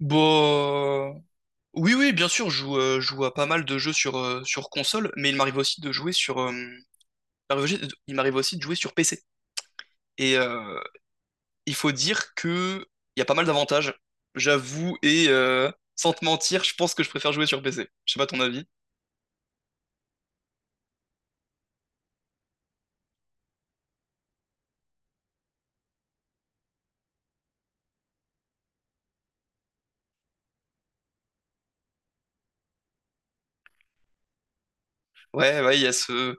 Bon, oui, oui, bien sûr, je joue à pas mal de jeux sur, sur console, mais il m'arrive aussi il m'arrive aussi de jouer sur PC. Et il faut dire que il y a pas mal d'avantages, j'avoue, et sans te mentir, je pense que je préfère jouer sur PC. Je sais pas ton avis. Ouais, ouais,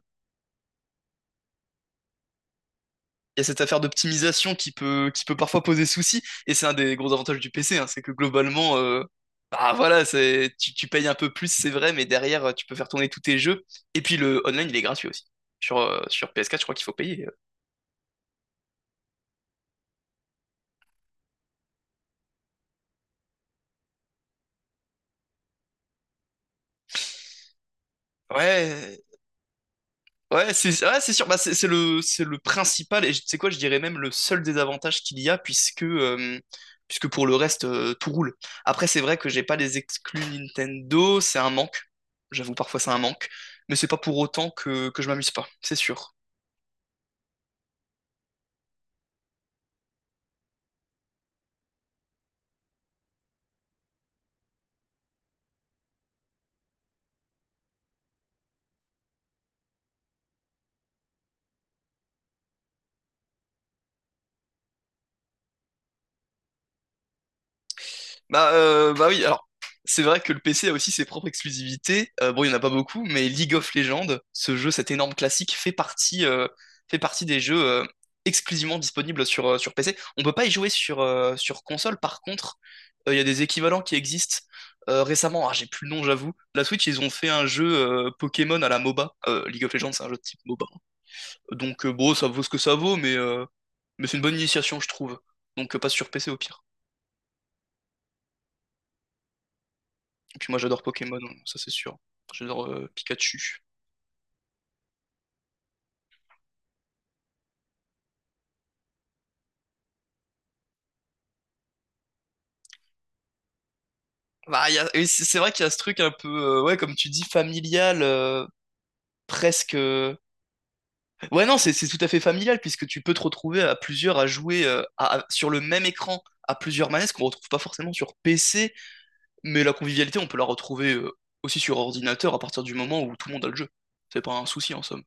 il y a cette affaire d'optimisation qui peut parfois poser souci. Et c'est un des gros avantages du PC, hein, c'est que globalement, bah voilà, tu payes un peu plus, c'est vrai, mais derrière, tu peux faire tourner tous tes jeux. Et puis le online, il est gratuit aussi. Sur, sur PS4, je crois qu'il faut payer. Ouais, ouais, c'est, ouais, c'est sûr. Bah, c'est le principal. Et tu sais quoi, je dirais même le seul désavantage qu'il y a, puisque pour le reste, tout roule. Après, c'est vrai que j'ai pas les exclus Nintendo, c'est un manque. J'avoue, parfois c'est un manque. Mais c'est pas pour autant que je m'amuse pas, c'est sûr. Bah oui, alors, c'est vrai que le PC a aussi ses propres exclusivités. Bon, il n'y en a pas beaucoup, mais League of Legends, ce jeu, cet énorme classique, fait partie des jeux, exclusivement disponibles sur, sur PC. On peut pas y jouer sur, sur console. Par contre, il y a des équivalents qui existent. Récemment, ah, j'ai plus le nom, j'avoue. La Switch, ils ont fait un jeu, Pokémon à la MOBA. League of Legends, c'est un jeu de type MOBA. Donc, bon, ça vaut ce que ça vaut, mais c'est une bonne initiation, je trouve. Donc, passe sur PC au pire. Et puis moi, j'adore Pokémon, ça c'est sûr. J'adore, Pikachu. Bah, et c'est vrai qu'il y a ce truc un peu, ouais, comme tu dis, familial, presque. Ouais, non, c'est tout à fait familial puisque tu peux te retrouver à plusieurs à jouer sur le même écran à plusieurs manettes qu'on retrouve pas forcément sur PC, mais la convivialité, on peut la retrouver, aussi sur ordinateur à partir du moment où tout le monde a le jeu. C'est pas un souci en somme.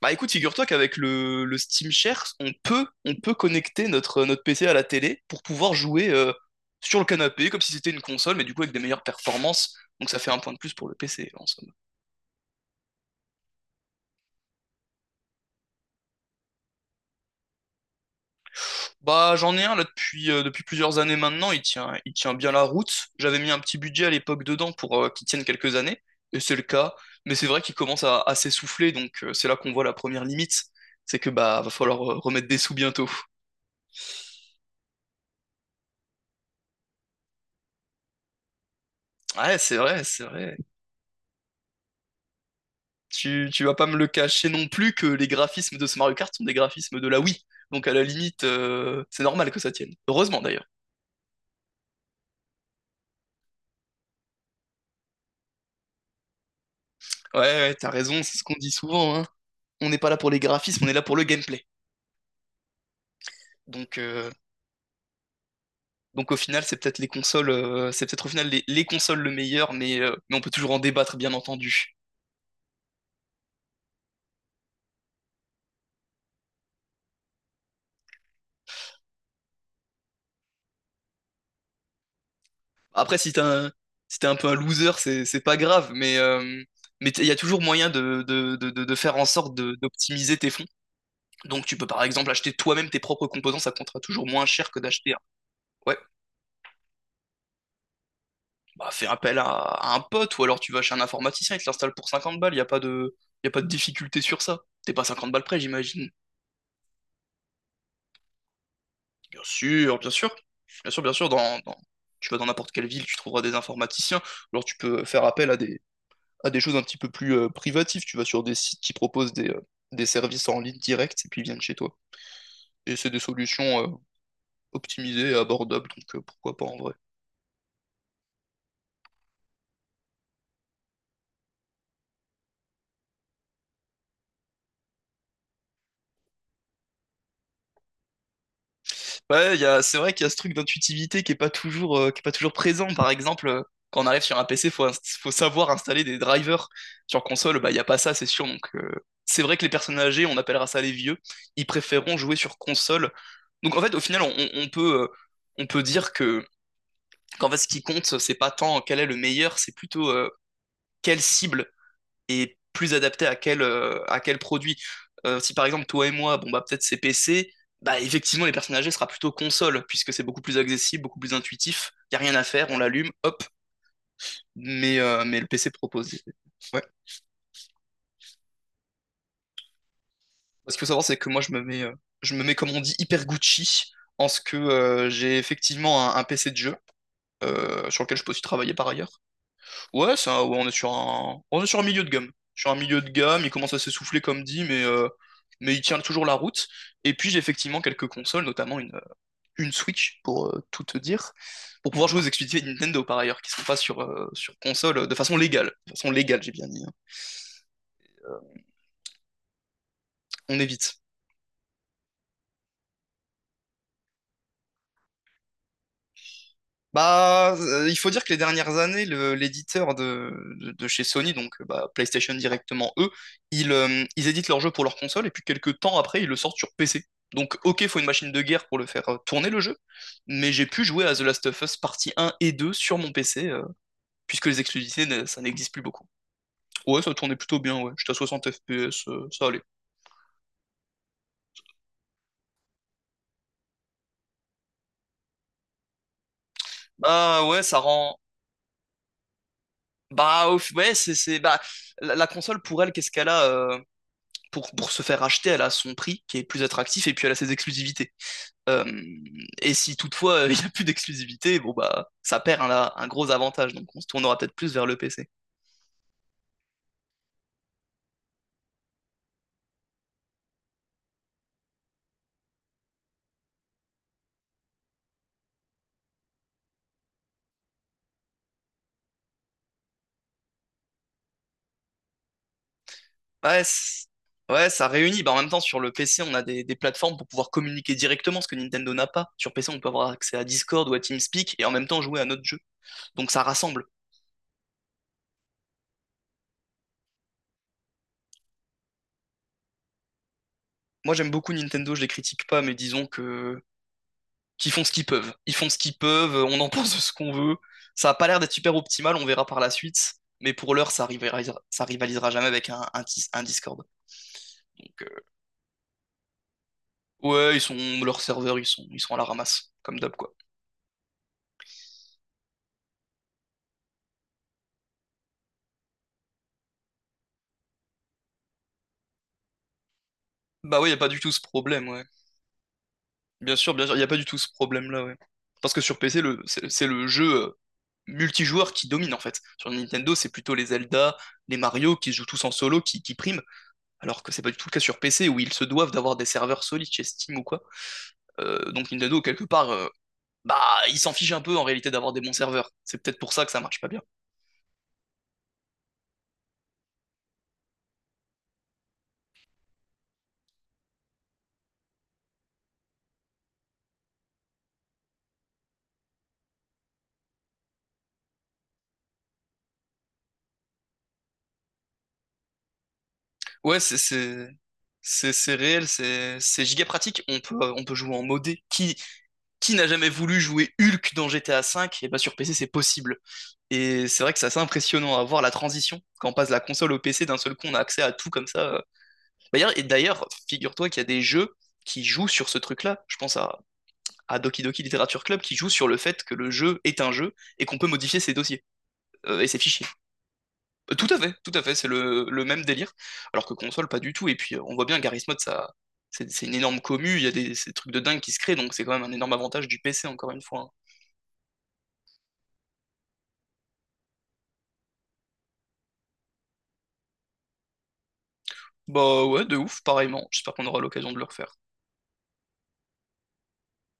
Bah écoute, figure-toi qu'avec le Steam Share, on peut connecter notre PC à la télé pour pouvoir jouer, sur le canapé, comme si c'était une console, mais du coup avec des meilleures performances. Donc ça fait un point de plus pour le PC, en somme. Bah j'en ai un là depuis plusieurs années maintenant. Il tient bien la route. J'avais mis un petit budget à l'époque dedans pour, qu'il tienne quelques années, et c'est le cas. Mais c'est vrai qu'il commence à s'essouffler, donc, c'est là qu'on voit la première limite. C'est que bah va falloir, remettre des sous bientôt. Ouais, c'est vrai, c'est vrai. Tu vas pas me le cacher non plus que les graphismes de ce Mario Kart sont des graphismes de la Wii. Donc à la limite, c'est normal que ça tienne. Heureusement d'ailleurs. Ouais, ouais, t'as raison, c'est ce qu'on dit souvent, hein. On n'est pas là pour les graphismes, on est là pour le gameplay. Donc, euh, donc au final, c'est peut-être les consoles, c'est peut-être au final les consoles le meilleur, mais on peut toujours en débattre, bien entendu. Après, si t'es un peu un loser, c'est pas grave, mais il y a toujours moyen de faire en sorte d'optimiser tes fonds. Donc tu peux par exemple acheter toi-même tes propres composants, ça coûtera toujours moins cher que d'acheter un. Ouais, bah fais appel à un pote. Ou alors tu vas chez un informaticien, il te l'installe pour 50 balles, il n'y a pas de, y a pas de difficulté sur ça. T'es pas 50 balles près, j'imagine. Bien sûr, bien sûr. Bien sûr, bien sûr. Tu vas dans n'importe quelle ville, tu trouveras des informaticiens. Ou alors tu peux faire appel à des choses un petit peu plus, privatives. Tu vas sur des sites qui proposent des services en ligne direct et puis ils viennent chez toi. Et c'est des solutions, optimisées et abordables, donc, pourquoi pas en vrai. Ouais, c'est vrai qu'il y a ce truc d'intuitivité qui est pas toujours présent. Par exemple, quand on arrive sur un PC, faut savoir installer des drivers. Sur console, bah, il n'y a pas ça, c'est sûr. Donc, c'est vrai que les personnes âgées, on appellera ça les vieux, ils préféreront jouer sur console. Donc, en fait, au final, on peut dire qu'en fait, ce qui compte, c'est pas tant quel est le meilleur, c'est plutôt, quelle cible est plus adapté à à quel produit. Si par exemple toi et moi, bon bah peut-être c'est PC, bah effectivement les personnes âgées sera plutôt console, puisque c'est beaucoup plus accessible, beaucoup plus intuitif, il n'y a rien à faire, on l'allume, hop, mais le PC propose. Ouais. Ce qu'il faut savoir, c'est que moi je me mets comme on dit hyper Gucci en ce que, j'ai effectivement un PC de jeu, sur lequel je peux aussi travailler par ailleurs. Ouais, ça, ouais, on est sur un milieu de gamme. Sur un milieu de gamme, il commence à s'essouffler comme dit, mais il tient toujours la route. Et puis j'ai effectivement quelques consoles, notamment une Switch pour, tout te dire, pour pouvoir jouer aux exclusivités Nintendo par ailleurs, qui sont pas sur, sur console, de façon légale. De façon légale, j'ai bien dit, hein. On évite. Bah, il faut dire que les dernières années, l'éditeur de chez Sony, donc, bah, PlayStation directement, eux, ils éditent leurs jeux pour leur console et puis quelques temps après, ils le sortent sur PC. Donc, ok, faut une machine de guerre pour le faire, tourner le jeu, mais j'ai pu jouer à The Last of Us partie 1 et 2 sur mon PC, puisque les exclusivités, ça n'existe plus beaucoup. Ouais, ça tournait plutôt bien, ouais. J'étais à 60 FPS, ça allait. Bah, ouais, ça rend. Bah, ouais, Bah, la console, pour elle, qu'est-ce qu'elle a? Pour se faire acheter, elle a son prix qui est plus attractif et puis elle a ses exclusivités. Euh, et si toutefois, il, n'y a plus d'exclusivité, bon bah ça perd un gros avantage, donc on se tournera peut-être plus vers le PC. Ouais, ouais, ça réunit. Bah, en même temps, sur le PC, on a des plateformes pour pouvoir communiquer directement, ce que Nintendo n'a pas. Sur PC, on peut avoir accès à Discord ou à TeamSpeak et en même temps jouer à notre jeu. Donc ça rassemble. Moi, j'aime beaucoup Nintendo, je les critique pas, mais disons que qui font ce qu'ils peuvent. Ils font ce qu'ils peuvent, on en pense ce qu'on veut. Ça a pas l'air d'être super optimal, on verra par la suite. Mais pour l'heure, ça rivalisera jamais avec un Discord. Donc, ouais, leurs serveurs, ils sont à la ramasse, comme d'hab, quoi. Bah ouais, y a pas du tout ce problème, ouais. Bien sûr, y a pas du tout ce problème-là, ouais. Parce que sur PC, c'est le jeu, multijoueur qui domine, en fait. Sur Nintendo, c'est plutôt les Zelda, les Mario qui se jouent tous en solo, qui priment. Alors que c'est pas du tout le cas sur PC, où ils se doivent d'avoir des serveurs solides chez Steam ou quoi. Donc Nintendo, quelque part, bah, ils s'en fichent un peu en réalité d'avoir des bons serveurs. C'est peut-être pour ça que ça marche pas bien. Ouais, c'est réel, c'est giga pratique. On peut jouer en modé. Qui n'a jamais voulu jouer Hulk dans GTA V? Et bah sur PC c'est possible. Et c'est vrai que c'est assez impressionnant à voir la transition quand on passe de la console au PC d'un seul coup, on a accès à tout comme ça. D'ailleurs, et d'ailleurs, figure-toi qu'il y a des jeux qui jouent sur ce truc-là. Je pense à Doki Doki Literature Club qui joue sur le fait que le jeu est un jeu et qu'on peut modifier ses dossiers, et ses fichiers. Tout à fait, c'est le même délire. Alors que console, pas du tout. Et puis, on voit bien, Garry's Mod, ça, c'est une énorme commu, il y a ces trucs de dingue qui se créent. Donc c'est quand même un énorme avantage du PC, encore une fois, hein. Bah ouais, de ouf, pareillement. J'espère qu'on aura l'occasion de le refaire.